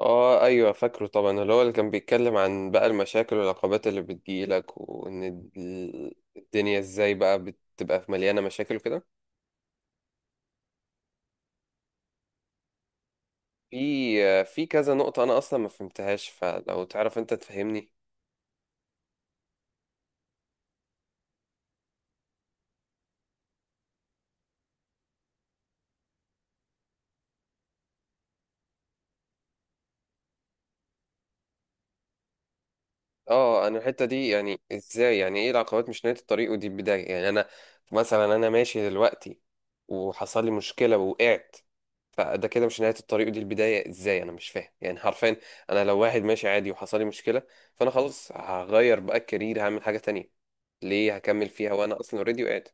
اه ايوه، فاكره طبعا. اللي هو اللي كان بيتكلم عن بقى المشاكل والعقبات اللي بتجيلك، وان الدنيا ازاي بقى بتبقى مليانه مشاكل وكده. في كذا نقطه انا اصلا ما فهمتهاش، فلو تعرف انت تفهمني. اه، انا الحته دي يعني ازاي؟ يعني ايه العقبات مش نهايه الطريق ودي البدايه؟ يعني انا مثلا، انا ماشي دلوقتي وحصل لي مشكله ووقعت، فده كده مش نهاية الطريق ودي البداية ازاي؟ انا مش فاهم يعني حرفيا. انا لو واحد ماشي عادي وحصل لي مشكلة، فانا خلاص هغير بقى الكارير، هعمل حاجة تانية. ليه هكمل فيها وانا اصلا اوريدي وقعت؟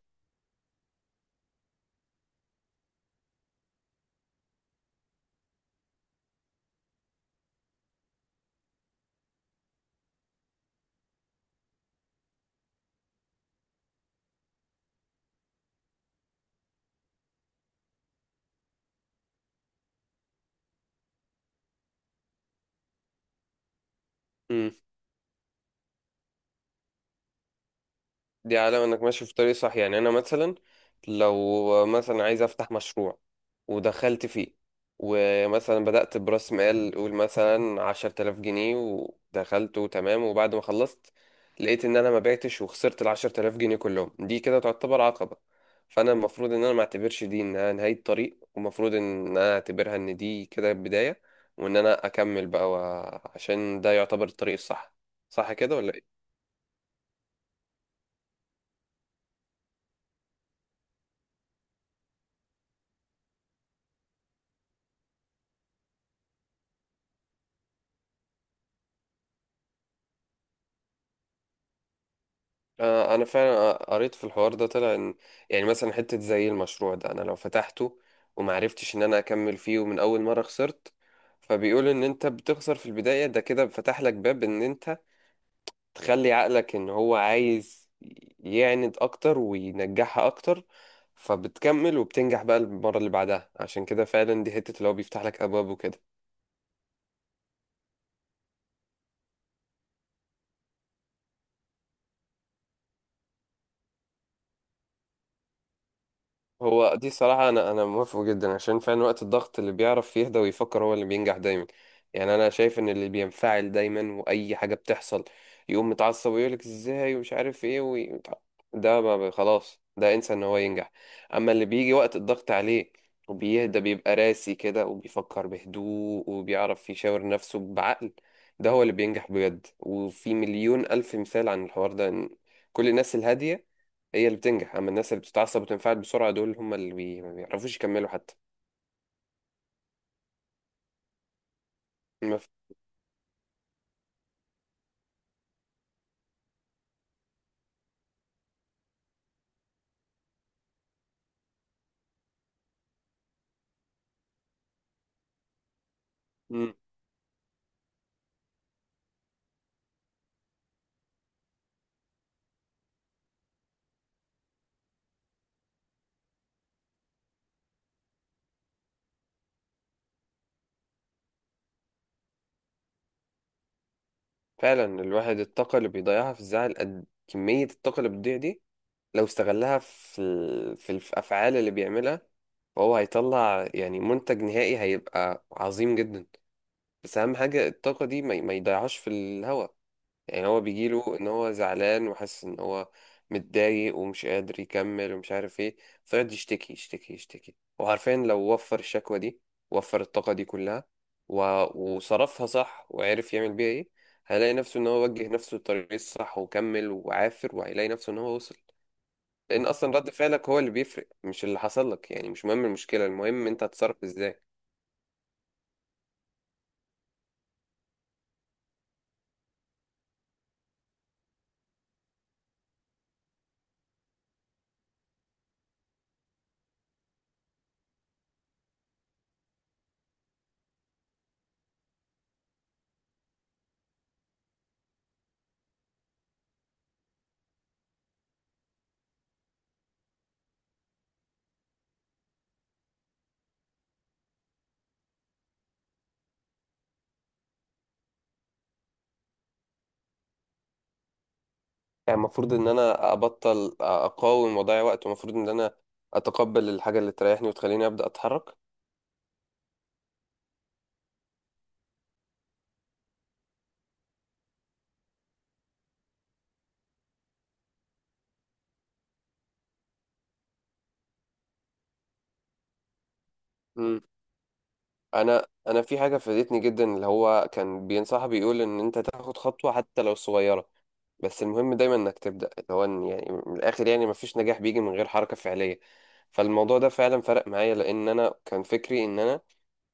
دي علامة انك ماشي في طريق صح؟ يعني انا مثلا لو مثلا عايز افتح مشروع ودخلت فيه، ومثلا بدأت برأس مال، قول مثلا 10 آلاف جنيه، ودخلت وتمام، وبعد ما خلصت لقيت ان انا ما بعتش وخسرت ال10 آلاف جنيه كلهم، دي كده تعتبر عقبة. فانا المفروض ان انا ما اعتبرش دي انها نهاية طريق، ومفروض ان انا اعتبرها ان دي كده بداية، وان انا اكمل بقى عشان ده يعتبر الطريق الصح. صح كده ولا إيه؟ انا فعلا قريت في الحوار ده، طلع ان يعني مثلا حته زي المشروع ده، انا لو فتحته ومعرفتش ان انا اكمل فيه، ومن اول مره خسرت، فبيقول ان انت بتخسر في البدايه، ده كده فتح لك باب ان انت تخلي عقلك ان هو عايز يعند اكتر وينجحها اكتر، فبتكمل وبتنجح بقى المره اللي بعدها. عشان كده فعلا دي حته اللي هو بيفتح لك ابواب وكده. هو دي صراحة، أنا موافقه جدا، عشان فعلا وقت الضغط اللي بيعرف يهدى ويفكر هو اللي بينجح دايما. يعني أنا شايف إن اللي بينفعل دايما وأي حاجة بتحصل يقوم متعصب ويقولك إزاي ومش عارف إيه ده ما بي- خلاص ده انسى إن هو ينجح. أما اللي بيجي وقت الضغط عليه وبيهدى، بيبقى راسي كده وبيفكر بهدوء وبيعرف يشاور نفسه بعقل، ده هو اللي بينجح بجد. وفي مليون ألف مثال عن الحوار ده، إن كل الناس الهادية هي اللي بتنجح، اما الناس اللي بتتعصب وتنفعل بسرعه دول هم اللي ما بيعرفوش يكملوا حتى. ما ف- مم. فعلا الواحد الطاقه اللي بيضيعها في الزعل، قد كميه الطاقه اللي بتضيع دي لو استغلها في في الافعال اللي بيعملها، فهو هيطلع يعني منتج نهائي هيبقى عظيم جدا. بس اهم حاجه الطاقه دي ما يضيعهاش في الهوا. يعني هو بيجيله ان هو زعلان وحاسس ان هو متضايق ومش قادر يكمل ومش عارف ايه، فيقعد يشتكي يشتكي يشتكي. وعارفين لو وفر الشكوى دي، وفر الطاقة دي كلها و... وصرفها صح وعرف يعمل بيها ايه، هيلاقي نفسه ان هو وجه نفسه للطريق الصح وكمل وعافر، وهيلاقي نفسه ان هو وصل. لان اصلا رد فعلك هو اللي بيفرق مش اللي حصل لك. يعني مش مهم المشكلة، المهم انت هتتصرف ازاي. يعني المفروض ان انا ابطل اقاوم واضيع وقت، ومفروض ان انا اتقبل الحاجه اللي تريحني وتخليني ابدا اتحرك. مم. انا في حاجه فادتني جدا، اللي هو كان بينصح بيقول ان انت تاخد خطوه حتى لو صغيره، بس المهم دايما انك تبدا. اللي هو إن يعني من الاخر يعني مفيش نجاح بيجي من غير حركه فعليه. فالموضوع ده فعلا فرق معايا، لان انا كان فكري ان انا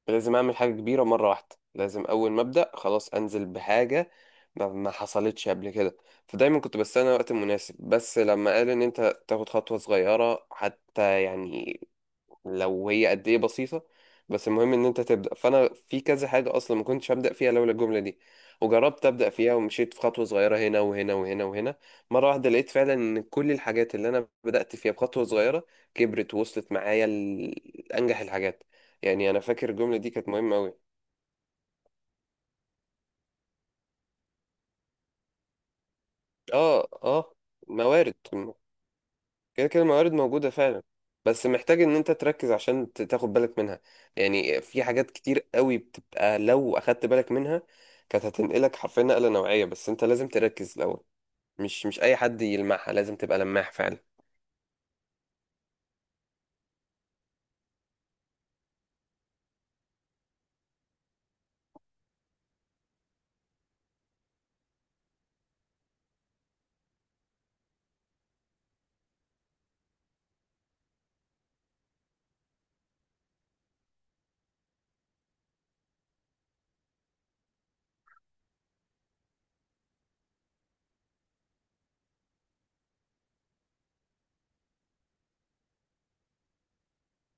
لازم اعمل حاجه كبيره مره واحده، لازم اول ما ابدا خلاص انزل بحاجه ما حصلتش قبل كده، فدايما كنت بستنى وقت مناسب. بس لما قال ان انت تاخد خطوه صغيره حتى، يعني لو هي قد ايه بسيطة، بس المهم ان انت تبدأ، فانا في كذا حاجة اصلا ما كنتش هبدأ فيها لولا الجملة دي. وجربت ابدأ فيها ومشيت في خطوة صغيرة هنا وهنا وهنا وهنا، مرة واحدة لقيت فعلا ان كل الحاجات اللي انا بدأت فيها بخطوة صغيرة كبرت ووصلت معايا لانجح الحاجات. يعني انا فاكر الجملة دي كانت مهمة قوي. اه، اه. موارد. كده كده الموارد موجودة فعلا، بس محتاج ان انت تركز عشان تاخد بالك منها. يعني في حاجات كتير قوي بتبقى لو اخدت بالك منها كانت هتنقلك حرفيا نقلة نوعية، بس انت لازم تركز الاول. مش اي حد يلمعها، لازم تبقى لماح فعلا.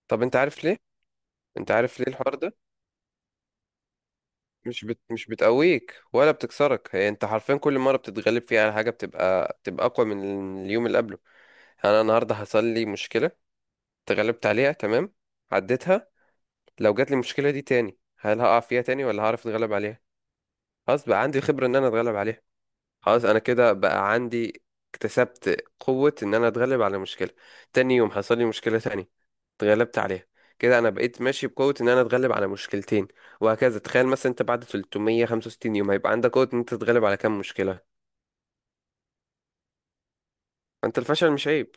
طب انت عارف ليه؟ انت عارف ليه الحوار ده؟ مش بتقويك ولا بتكسرك، هي انت حرفيا كل مرة بتتغلب فيها على حاجة بتبقى اقوى من اليوم اللي قبله. يعني انا النهاردة حصل لي مشكلة، اتغلبت عليها تمام، عديتها. لو جات لي المشكله دي تاني، هل هقع فيها تاني ولا هعرف اتغلب عليها؟ خلاص بقى عندي الخبره ان انا اتغلب عليها. خلاص انا كده بقى عندي، اكتسبت قوه ان انا اتغلب على مشكله. تاني يوم حصل لي مشكله تانية، اتغلبت عليها، كده انا بقيت ماشي بقوه ان انا اتغلب على مشكلتين. وهكذا تخيل مثلا انت بعد 365 يوم هيبقى عندك قوه ان انت تتغلب على كام مشكله. انت الفشل مش عيب.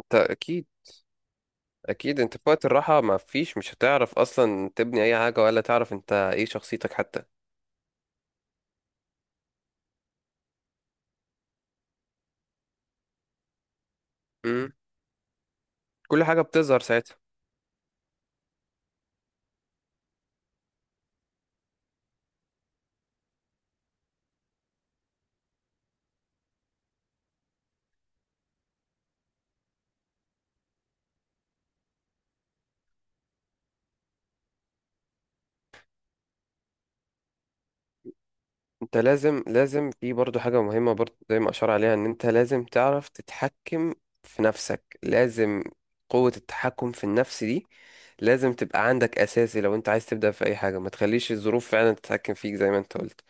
انت اكيد، اكيد انت في وقت الراحه ما فيش، مش هتعرف اصلا تبني اي حاجه ولا تعرف انت ايه شخصيتك حتى. امم كل حاجه بتظهر ساعتها. انت لازم في برضو حاجة مهمة برضو زي ما اشار عليها، ان انت لازم تعرف تتحكم في نفسك. لازم قوة التحكم في النفس دي لازم تبقى عندك اساسي لو انت عايز تبدأ في اي حاجة، ما تخليش الظروف فعلا تتحكم فيك زي ما انت قلت.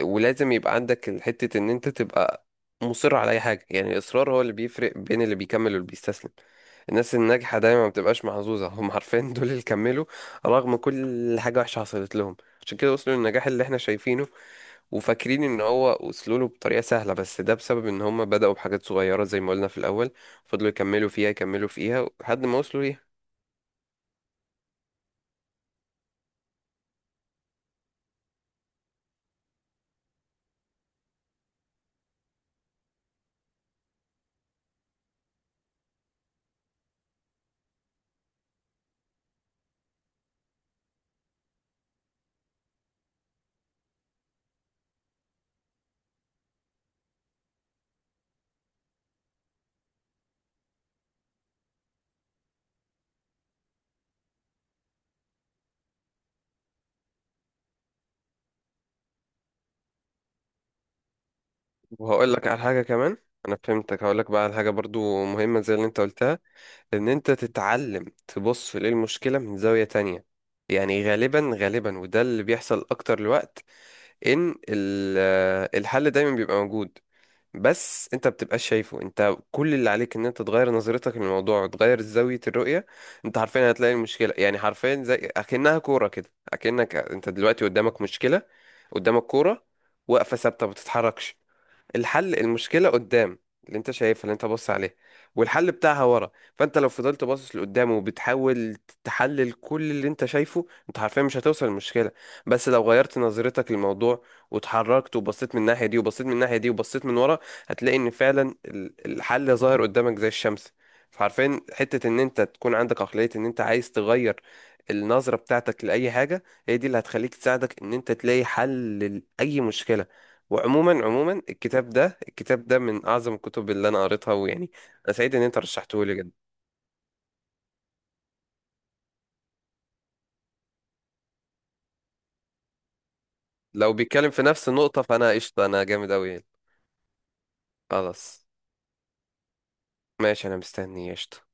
ولازم يبقى عندك حتة ان انت تبقى مصر على اي حاجة، يعني الاصرار هو اللي بيفرق بين اللي بيكمل واللي بيستسلم. الناس الناجحة دايما ما بتبقاش محظوظة، هم عارفين دول اللي كملوا رغم كل حاجة وحشة حصلت لهم، عشان كده وصلوا للنجاح اللي احنا شايفينه وفاكرين ان هو وصلوا له بطريقة سهلة. بس ده بسبب ان هم بدأوا بحاجات صغيرة زي ما قلنا في الاول، فضلوا يكملوا فيها يكملوا فيها لحد ما وصلوا ليها. وهقول لك على حاجة كمان، انا فهمتك. هقول لك بقى على حاجة برضو مهمة زي اللي انت قلتها، ان انت تتعلم تبص للمشكلة من زاوية تانية. يعني غالبا غالبا وده اللي بيحصل اكتر الوقت، ان الحل دايما بيبقى موجود بس انت بتبقاش شايفه. انت كل اللي عليك ان انت تغير نظرتك للموضوع وتغير زاوية الرؤية. انت حرفيا هتلاقي المشكلة، يعني حرفيا زي اكنها كورة كده، اكنك انت دلوقتي قدامك مشكلة، قدامك كورة واقفة ثابتة ما بتتحركش. الحل المشكلة قدام، اللي انت شايفها اللي انت بص عليها، والحل بتاعها ورا. فانت لو فضلت باصص لقدام وبتحاول تحلل كل اللي انت شايفه، انت حرفيا مش هتوصل للمشكلة. بس لو غيرت نظرتك للموضوع واتحركت، وبصيت من الناحية دي وبصيت من الناحية دي وبصيت من ورا، هتلاقي ان فعلا الحل ظاهر قدامك زي الشمس. فعارفين حتة ان انت تكون عندك عقلية ان انت عايز تغير النظرة بتاعتك لأي حاجة، هي دي اللي هتخليك تساعدك ان انت تلاقي حل لأي مشكلة. وعموما عموما الكتاب ده من اعظم الكتب اللي انا قريتها، ويعني انا سعيد ان انت رشحته لي جدا. لو بيتكلم في نفس النقطه فانا قشطه، انا جامد اوي يعني. خلاص، ماشي، انا مستني قشطه.